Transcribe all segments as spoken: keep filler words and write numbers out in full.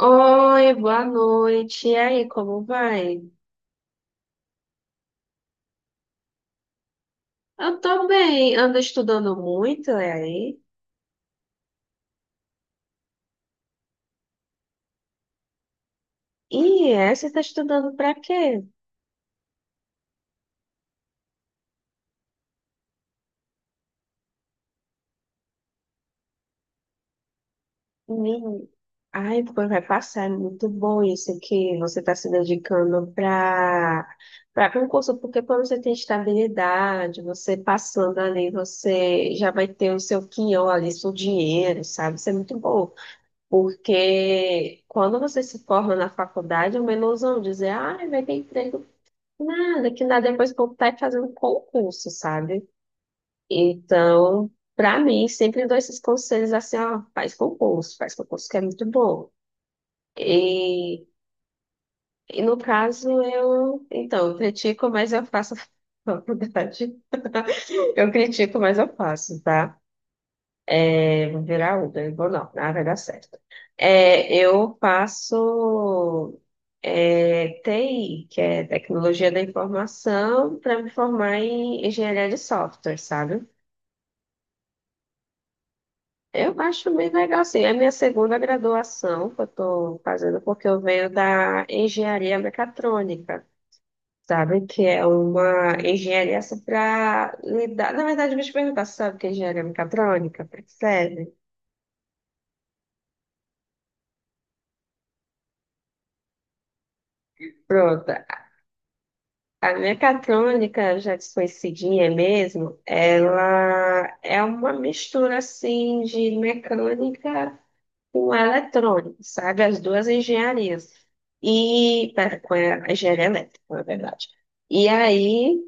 Oi, boa noite. E aí, como vai? Eu tô bem, ando estudando muito, e aí? E é, você tá estudando pra quê? Menino, ai, pô, vai passar, é muito bom isso que você está se dedicando para para concurso, porque quando você tem estabilidade, você passando ali, você já vai ter o seu quinhão ali, seu dinheiro, sabe? Isso é muito bom. Porque quando você se forma na faculdade, é uma ilusão dizer, ai, vai ter emprego. Nada, que nada depois que eu tá fazendo concurso, sabe? Então, pra mim, sempre dou esses conselhos assim, ó, faz concurso, faz concurso que é muito bom. E, e no caso, eu, então, eu critico, mas eu faço faculdade. Eu critico, mas eu faço, tá? Eu vou virar Uber, vou não, nada vai dar certo. É, eu faço é, T I, que é Tecnologia da Informação, para me formar em Engenharia de Software, sabe? Eu acho bem legal, sim. É a minha segunda graduação que eu estou fazendo, porque eu venho da engenharia mecatrônica, sabe? Que é uma engenharia para lidar. Na verdade, deixa eu te perguntar, você sabe o que é engenharia mecatrônica? Pra que serve? Pronto. A mecatrônica, já desconhecidinha mesmo, ela é uma mistura, assim, de mecânica com eletrônico, sabe? As duas engenharias. E, pera, com a engenharia elétrica, na verdade. E aí,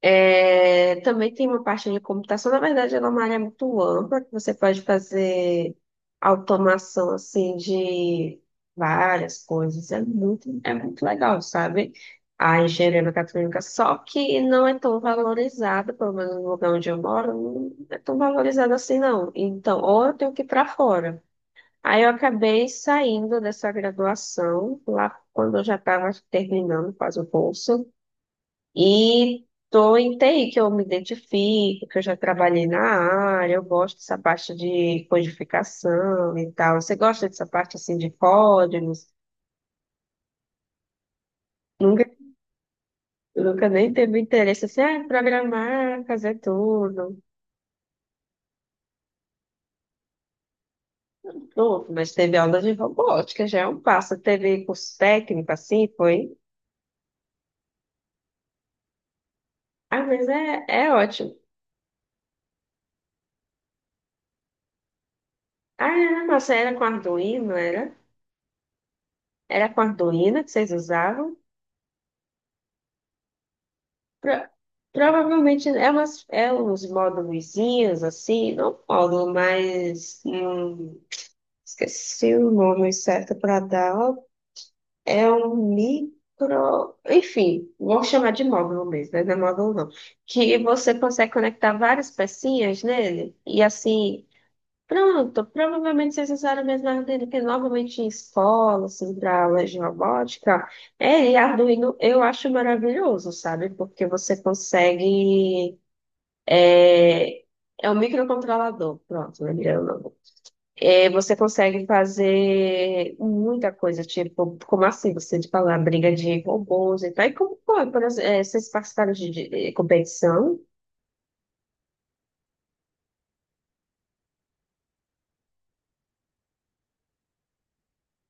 é, também tem uma parte de computação, na verdade, ela é uma área muito ampla, que você pode fazer automação, assim, de várias coisas. É muito, é muito legal, sabe? A engenharia mecatrônica, só que não é tão valorizada, pelo menos no lugar onde eu moro, não é tão valorizada assim, não. Então, ou eu tenho que ir para fora. Aí eu acabei saindo dessa graduação, lá quando eu já estava terminando quase o curso, e estou em T I, que eu me identifico, que eu já trabalhei na área, eu gosto dessa parte de codificação e tal. Você gosta dessa parte assim de códigos? Nunca, nunca nem teve interesse assim, ah, programar, fazer tudo. Não, mas teve aula de robótica, já é um passo. Teve curso técnico assim, foi. Ah, mas é, é ótimo. Ah, era, nossa, era com Arduino, era? Era com Arduino que vocês usavam? Pro- provavelmente é, umas, é uns módulozinhos, assim, não módulo, mas hum, esqueci o nome certo para dar. É um micro. Enfim, vou chamar de módulo mesmo, né? Não é módulo não. Que você consegue conectar várias pecinhas nele e assim. Pronto, provavelmente vocês usaram a mesma armadilha que normalmente em escola, assim, para aulas de robótica. É, e Arduino eu acho maravilhoso, sabe? Porque você consegue. É é um microcontrolador, pronto, lembrei o nome. É, você consegue fazer muita coisa, tipo, como assim? Você de falar briga de robôs e tal. E como foi? Por exemplo, é, vocês participaram de, de de competição?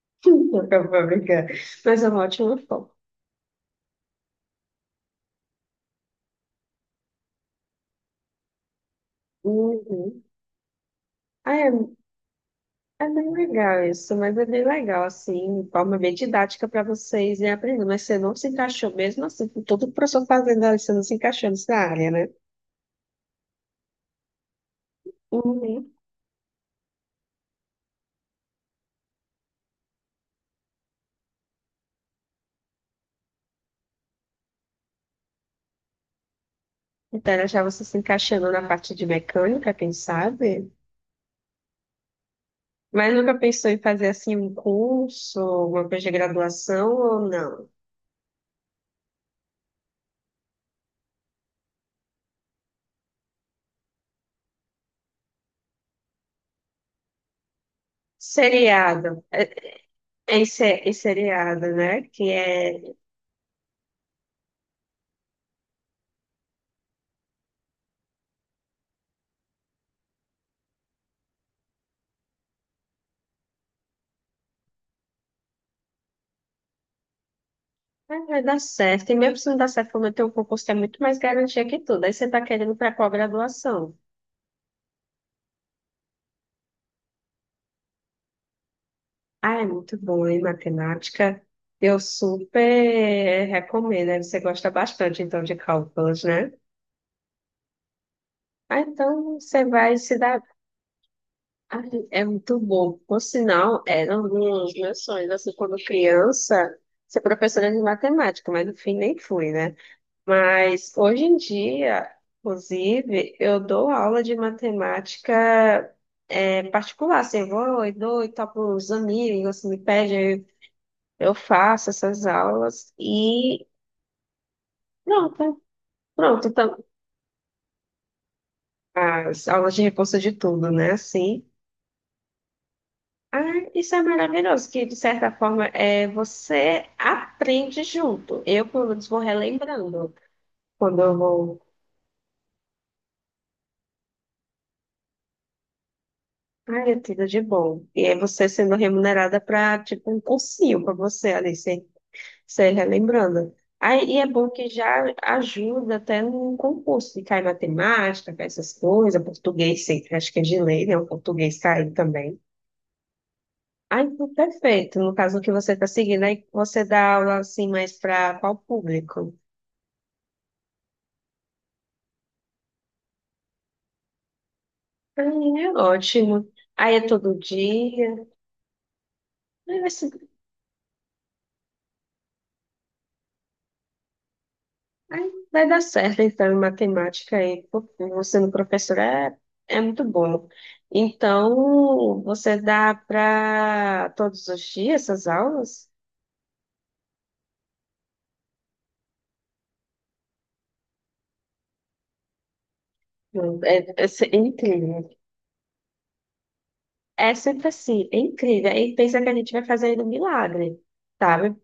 Não, eu vou brincar. Mas é um ótimo foco. Uhum. Ah, é. É bem legal isso, mas é bem legal, assim, de forma bem didática para vocês irem aprendendo. Mas você não se encaixou mesmo assim, com todo o professor fazendo ali, você não se encaixou nessa área, né? Uhum. Então, era já você se encaixando na parte de mecânica, quem sabe? Mas nunca pensou em fazer, assim, um curso, uma coisa de graduação ou não? Seriado, é, é em se- em seriado, né? Que é, ah, vai dar certo. E mesmo se não dar certo, como eu tenho um concurso que é muito mais garantia que tudo. Aí você tá querendo para qual graduação? Ah, é muito bom, hein, matemática? Eu super recomendo, né? Você gosta bastante, então, de cálculos, né? Ah, então você vai se dar... Ah, é muito bom. Por sinal, era um dos meus sonhos, assim, quando criança, ser professora de matemática, mas no fim nem fui, né? Mas hoje em dia, inclusive, eu dou aula de matemática é, particular, assim, eu vou e dou e tal para os amigos, me pedem, eu faço essas aulas e pronto, pronto. Então, as aulas de reforço de tudo, né? Assim, ah, isso é maravilhoso, que de certa forma é, você aprende junto. Eu, pelo menos, vou relembrando quando eu vou. Ai, é tudo de bom. E é você sendo remunerada para, tipo, um cursinho para você, ali. Sei, relembrando. Aí, e é bom que já ajuda até no concurso, que cai matemática, cai essas coisas, português sempre, acho que é de lei, né? O português cai também. Aí, perfeito. No caso que você está seguindo, aí você dá aula assim mais para qual público? Aí é ótimo. Aí é todo dia. Aí vai dar certo, então, em matemática aí, porque você no professor é, é muito bom. Então, você dá para todos os dias essas aulas? Não, é, é, é incrível. É sempre assim, é incrível. Aí pensa que a gente vai fazer aí um milagre, sabe?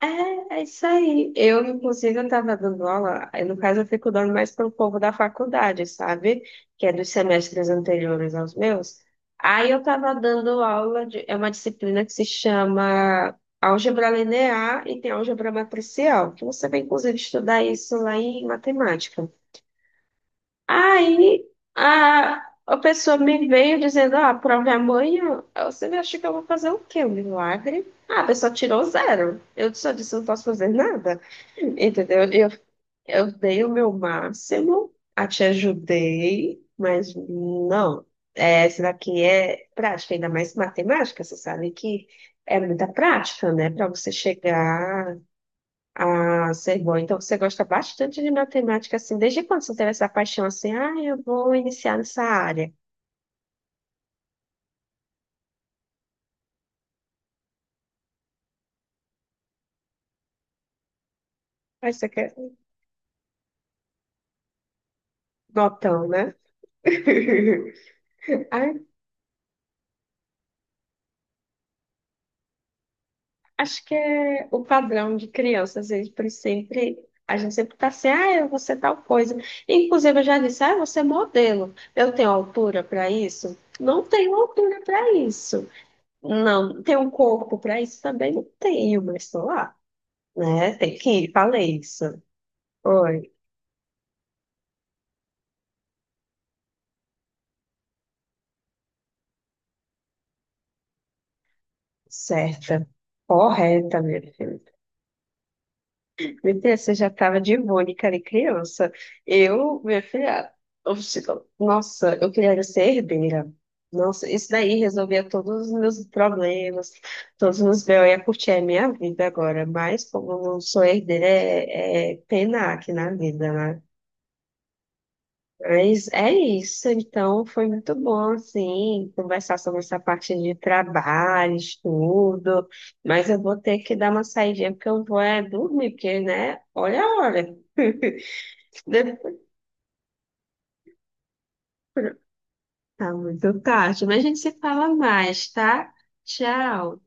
É, é isso aí. Eu, inclusive, eu estava dando aula, aí, no caso, eu fico dando mais para o povo da faculdade, sabe? Que é dos semestres anteriores aos meus. Aí eu estava dando aula de, é uma disciplina que se chama álgebra linear e tem álgebra matricial, que você vai, inclusive, estudar isso lá em matemática. Aí a, a pessoa me veio dizendo, ah, a prova é amanhã. Aí você acha que eu vou fazer o quê? Um milagre? Ah, a pessoa tirou zero. Eu só disse, eu não posso fazer nada. Entendeu? Eu, eu dei o meu máximo, a te ajudei, mas não. É, essa daqui é prática, ainda mais matemática, você sabe que é muita prática, né? Para você chegar ah, sei bom. Então você gosta bastante de matemática, assim. Desde quando você teve essa paixão assim? Ah, eu vou iniciar nessa área. Aí você quer notão, né? Ai, acho que é o padrão de crianças, eles por sempre. A gente sempre tá assim, ah, eu vou ser tal coisa. Inclusive, eu já disse, ah, eu vou ser modelo. Eu tenho altura para isso? Não tenho altura para isso. Não, tenho um corpo para isso? Também não tenho, mas estou lá, né? Tem que ir, falei isso. Oi. Certa, correta, minha filha. Meu Deus, você já estava de Mônica de criança. Eu, minha filha, oxe, nossa, eu queria ser herdeira. Nossa, isso daí resolvia todos os meus problemas, todos os meus B O. Eu ia curtir a minha vida agora, mas como eu não sou herdeira, é, é pena aqui na vida, né? Mas é isso, então foi muito bom, assim, conversar sobre essa parte de trabalho, estudo, mas eu vou ter que dar uma saidinha, porque eu vou é dormir, porque, né, olha a hora. Depois- Tá muito tarde, mas a gente se fala mais, tá? Tchau.